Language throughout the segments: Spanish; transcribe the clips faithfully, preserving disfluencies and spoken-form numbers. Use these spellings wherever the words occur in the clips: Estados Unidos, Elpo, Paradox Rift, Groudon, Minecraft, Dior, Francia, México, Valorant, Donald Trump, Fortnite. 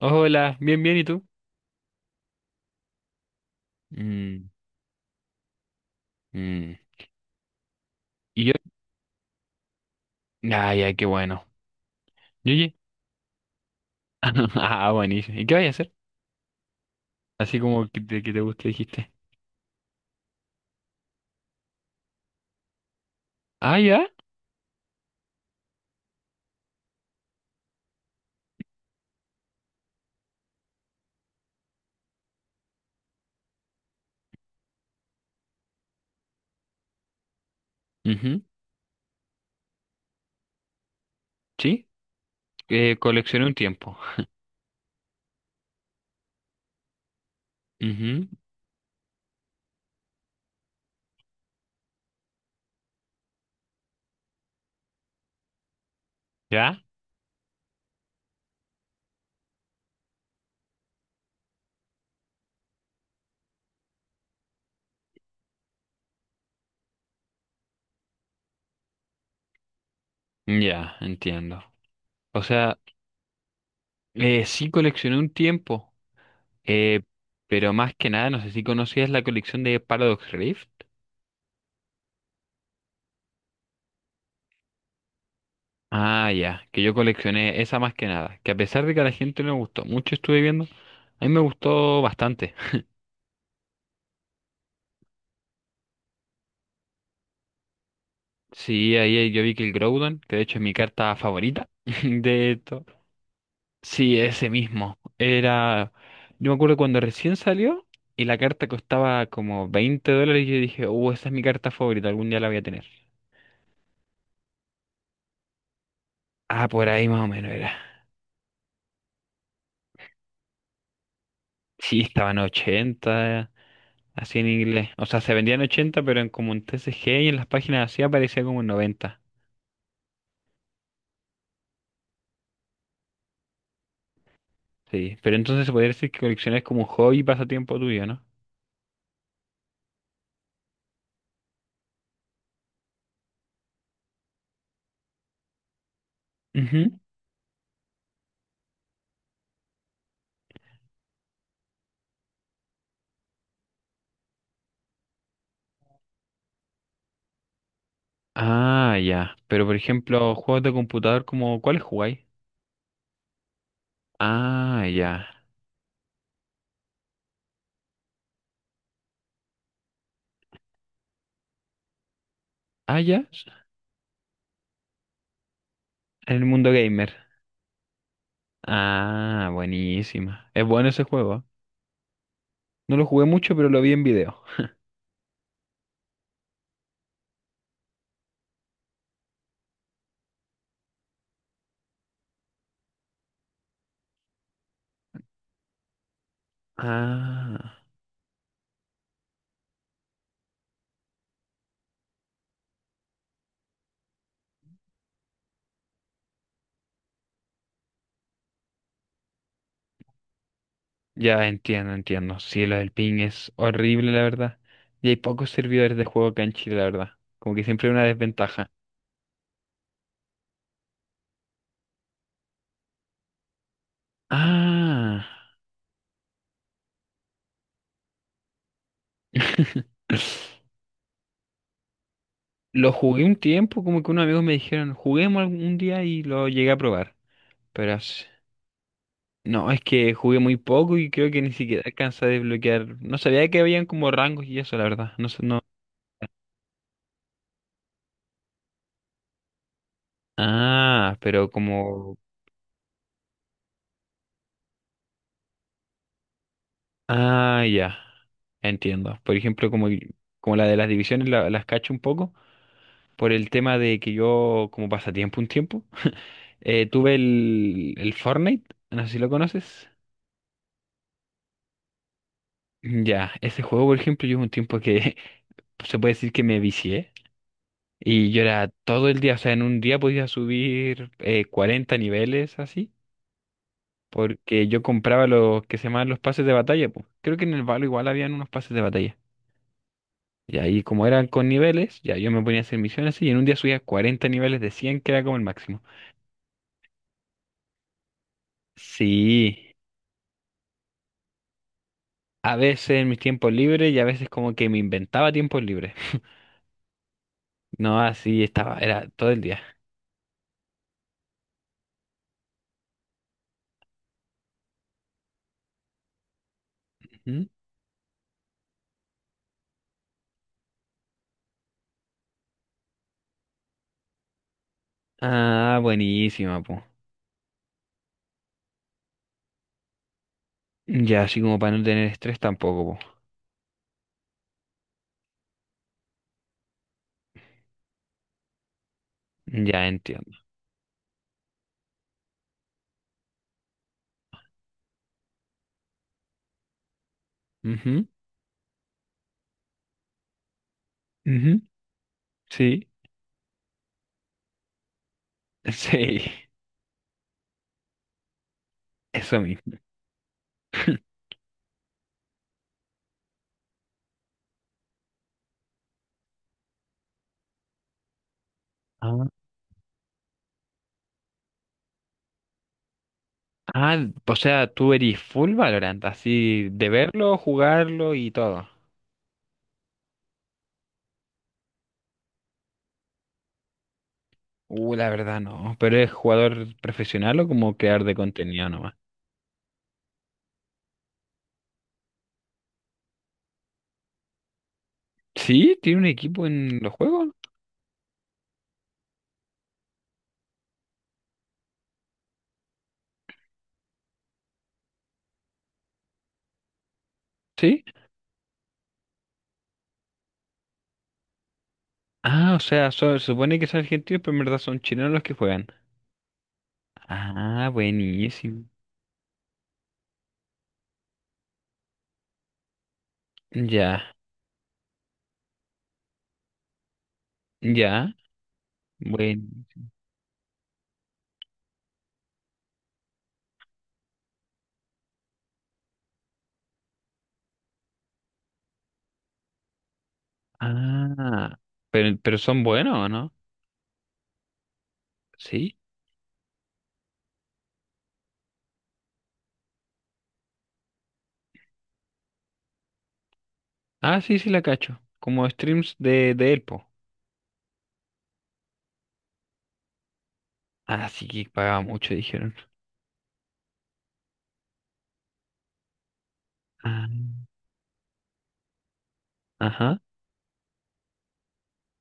Oh, Hola, bien, bien, ¿y tú? Mm, mm. Y yo, ah, ya, qué bueno. ¿Y oye? Ah, buenísimo. ¿Y qué vas a hacer? Así como que te, que te guste, dijiste. Ah, ya. Ujú, Sí. Eh, coleccioné un tiempo. Ujú, ¿Ya? Ya, entiendo. O sea, eh, sí coleccioné un tiempo. eh, pero más que nada, no sé si conocías la colección de Paradox Rift. Ah, ya, que yo coleccioné esa más que nada. Que a pesar de que a la gente no le gustó mucho, estuve viendo, a mí me gustó bastante. Sí, ahí ahí yo vi que el Groudon, que de hecho es mi carta favorita de esto. Sí, ese mismo. Era. Yo me acuerdo cuando recién salió y la carta costaba como veinte dólares y yo dije, uh, esa es mi carta favorita, algún día la voy a tener. Ah, por ahí más o menos era. Sí, estaban ochenta así en inglés. O sea, se vendían ochenta pero en como un T C G y en las páginas así aparecía como en noventa. Sí, pero entonces se podría decir que coleccionar es como un hobby y pasatiempo tuyo, ¿no? Ujú. Ah, ya. Pero por ejemplo, juegos de computador como, ¿cuáles jugáis? Ah, ya. Ah, ya. En el mundo gamer. Ah, buenísima. Es bueno ese juego, ¿eh? No lo jugué mucho, pero lo vi en video. Ah, ya entiendo, entiendo. Sí, lo del ping es horrible, la verdad. Y hay pocos servidores de juego acá en Chile, la verdad. Como que siempre hay una desventaja. Ah. Lo jugué un tiempo, como que unos amigos me dijeron, juguemos algún día y lo llegué a probar. Pero no, es que jugué muy poco y creo que ni siquiera alcanza a desbloquear. No sabía que habían como rangos y eso, la verdad. No, sé- no. Ah, pero como. Ah, ya. Entiendo. Por ejemplo, como, como la de las divisiones la- las cacho un poco por el tema de que yo, como pasatiempo un tiempo, eh, tuve el, el Fortnite. No sé si lo conoces. Ya, ese juego, por ejemplo, yo hubo un tiempo que se puede decir que me vicié. Y yo era todo el día, o sea, en un día podía subir eh, cuarenta niveles así. Porque yo compraba los que se llamaban los pases de batalla, pues. Creo que en el Valo igual habían unos pases de batalla. Y ahí como eran con niveles, ya yo me ponía a hacer misiones y en un día subía cuarenta niveles de cien que era como el máximo. Sí, a veces en mis tiempos libres y a veces como que me inventaba tiempos libres. No, así estaba, era todo el día. Ujú. Ah, buenísima, pues. Ya, así como para no tener estrés tampoco, po. Ya entiendo. Ujú, ujú, Sí, sí, eso mismo. Ah. Ah, o sea, tú eres full Valorant, así de verlo, jugarlo y todo. Uh, la verdad no, pero es jugador profesional o como creador de contenido nomás. Sí, tiene un equipo en los juegos, sí. Ah, o sea, so- se supone que son argentinos, pero en verdad son chilenos los que juegan. Ah, buenísimo. Ya, ya, bueno. Ah, pero, pero son buenos, ¿o no? Sí. Ah, sí, sí la cacho. Como streams de, de, Elpo. Ah, sí que pagaba mucho, dijeron. Ah. Ajá.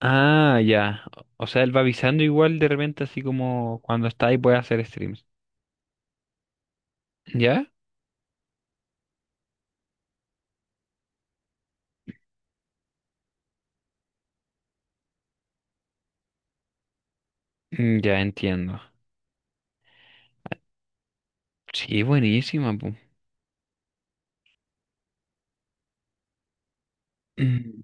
Ah, ya. O sea, él va avisando igual de repente, así como cuando está ahí puede hacer streams. ¿Ya? Mm, Ya entiendo. Sí, buenísima, pu. Mm.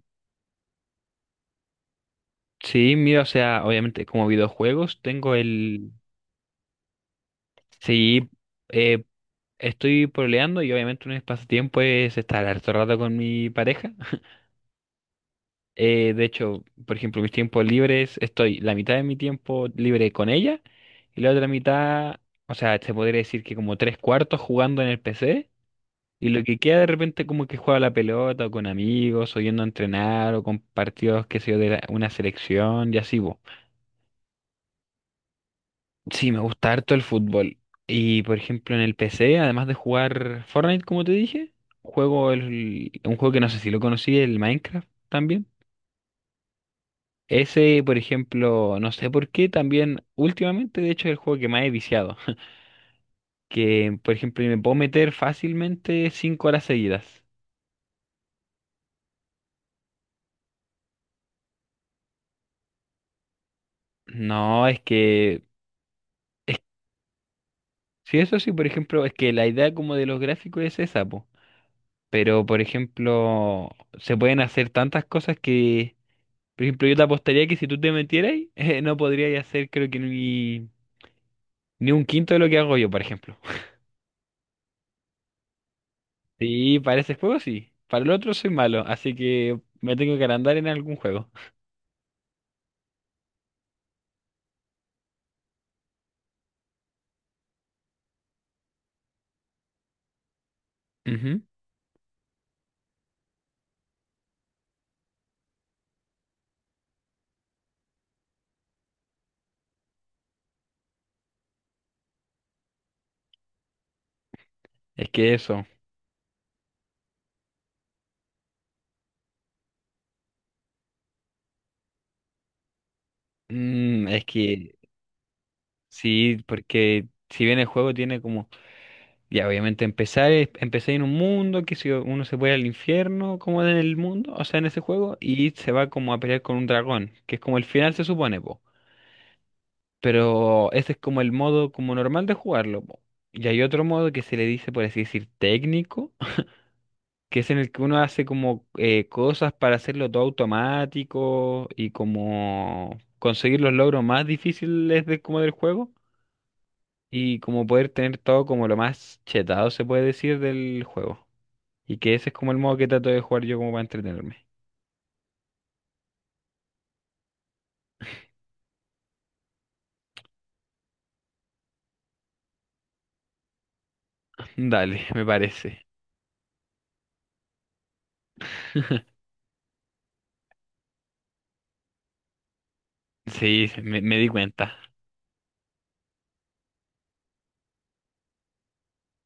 Sí, mira, o sea, obviamente como videojuegos tengo el. Sí, eh, estoy pololeando y obviamente un de mis es estar harto rato con mi pareja. Eh, de hecho, por ejemplo, mis tiempos libres, estoy la mitad de mi tiempo libre con ella y la otra mitad, o sea, se podría decir que como tres cuartos jugando en el P C. Y lo que queda de repente como que juega la pelota o con amigos, o yendo a entrenar, o con partidos, qué sé yo, de la- una selección y así, bo. Sí, me gusta harto el fútbol. Y por ejemplo en el P C, además de jugar Fortnite, como te dije, juego el, un juego que no sé si lo conocí, el Minecraft también. Ese, por ejemplo, no sé por qué, también últimamente, de hecho, es el juego que más he viciado. Que, por ejemplo, me puedo meter fácilmente cinco horas seguidas. No, es que sí, eso sí, por ejemplo, es que la idea como de los gráficos es esa, po. Pero, por ejemplo, se pueden hacer tantas cosas que, por ejemplo, yo te apostaría que si tú te metieras, eh, no podrías hacer creo que ni, ni un quinto de lo que hago yo, por ejemplo. Sí, para ese juego sí. Para el otro soy malo, así que me tengo que agrandar en algún juego. Ujú. Es que eso. Mm, es que sí, porque si bien el juego tiene como, ya, obviamente empezar, es- empecé en un mundo que si uno se puede al infierno, como en el mundo, o sea, en ese juego, y se va como a pelear con un dragón, que es como el final se supone, po. Pero ese es como el modo como normal de jugarlo, po. Y hay otro modo que se le dice, por así decir, técnico, que es en el que uno hace como, eh, cosas para hacerlo todo automático y como conseguir los logros más difíciles de, como del juego y como poder tener todo como lo más chetado se puede decir del juego. Y que ese es como el modo que trato de jugar yo como para entretenerme. Dale, me parece. Sí, me, me di cuenta.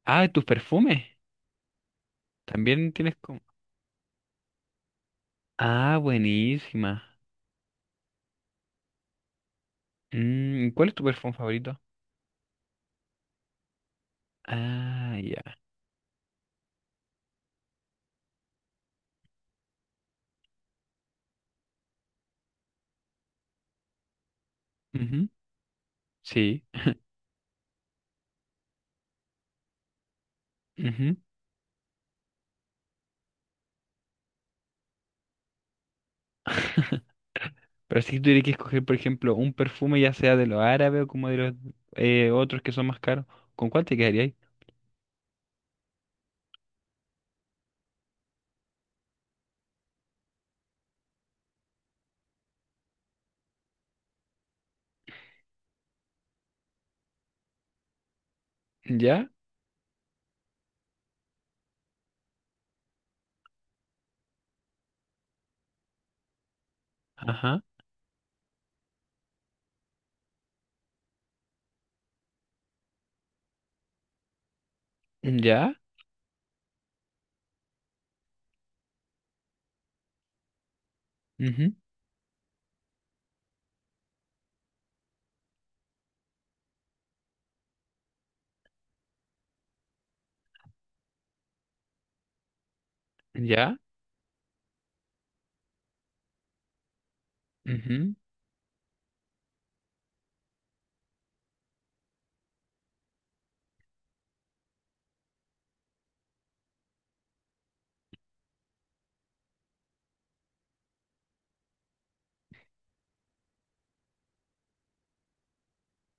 Ah, tus perfumes. También tienes como. Ah, buenísima. Mm, ¿cuál es tu perfume favorito? Ah, ya. Ujú, Sí. ujú. Pero si tuviera que escoger, por ejemplo, un perfume ya sea de los árabes o como de los, eh, otros que son más caros, ¿con cuál te quedarías? ¿Ya? Ajá. ¿Ya? Ujú. ¿Ya? Ujú.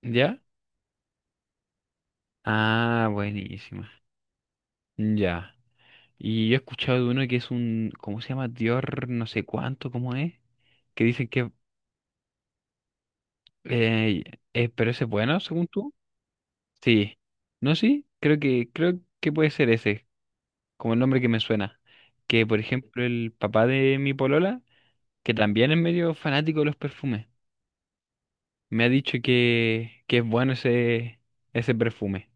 ¿Ya? Ah, buenísima. Ya. Y yo he escuchado de uno que es un, ¿cómo se llama? Dior, no sé cuánto, ¿cómo es? Que dicen que, eh, eh, pero ese es bueno, según tú. Sí. ¿No, sí? Creo que, creo que puede ser ese, como el nombre que me suena. Que, por ejemplo, el papá de mi polola, que también es medio fanático de los perfumes, me ha dicho que, que es bueno ese, ese perfume.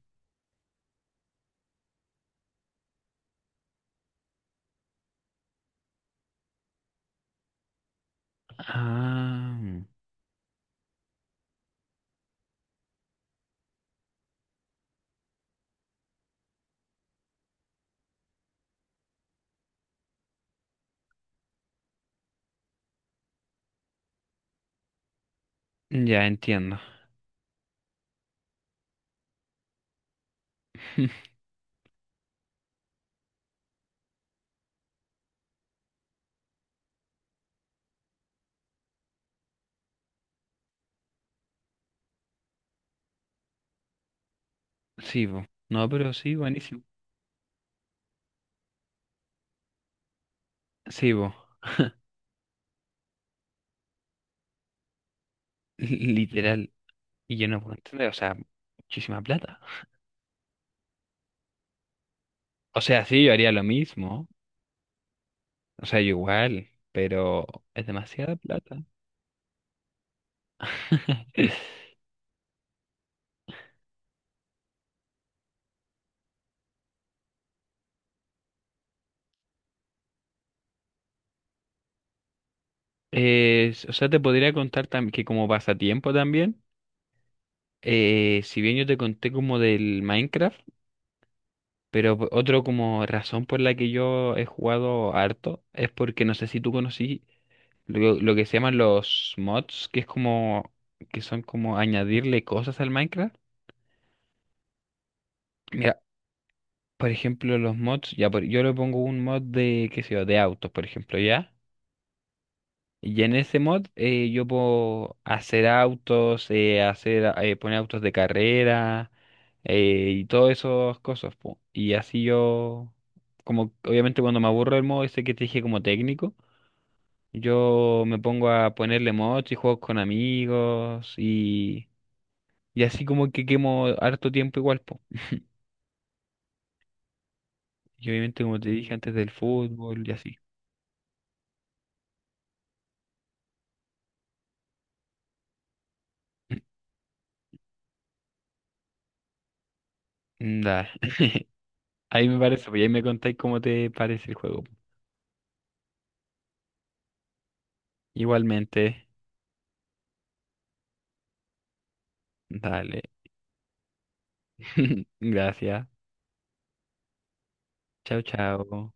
Ah, ya entiendo. Sí, vos. No, pero sí, buenísimo. Sí, vos. Literal. Y yo no puedo entender, o sea, muchísima plata. O sea, sí, yo haría lo mismo. O sea, yo igual, pero es demasiada plata. Es- o sea, te podría contar tam- que como pasatiempo también, eh, si bien yo te conté como del Minecraft, pero po- otro como razón por la que yo he jugado harto es porque no sé si tú conocí lo, lo que se llaman los mods, que es como, que son como añadirle cosas al Minecraft. Mira, por ejemplo, los mods, ya por- yo le pongo un mod de, qué sé yo, de autos, por ejemplo, ¿ya? Y en ese mod, eh, yo puedo hacer autos, eh, hacer, eh, poner autos de carrera, eh, y todas esas cosas, po. Y así yo, como obviamente cuando me aburro del modo ese que te dije como técnico, yo me pongo a ponerle mods y juegos con amigos y, y así como que quemo harto tiempo igual, po. Y obviamente como te dije antes del fútbol y así. Da. Ahí me parece, pues, y ahí me contáis cómo te parece el juego. Igualmente, dale. Gracias. Chao, chao.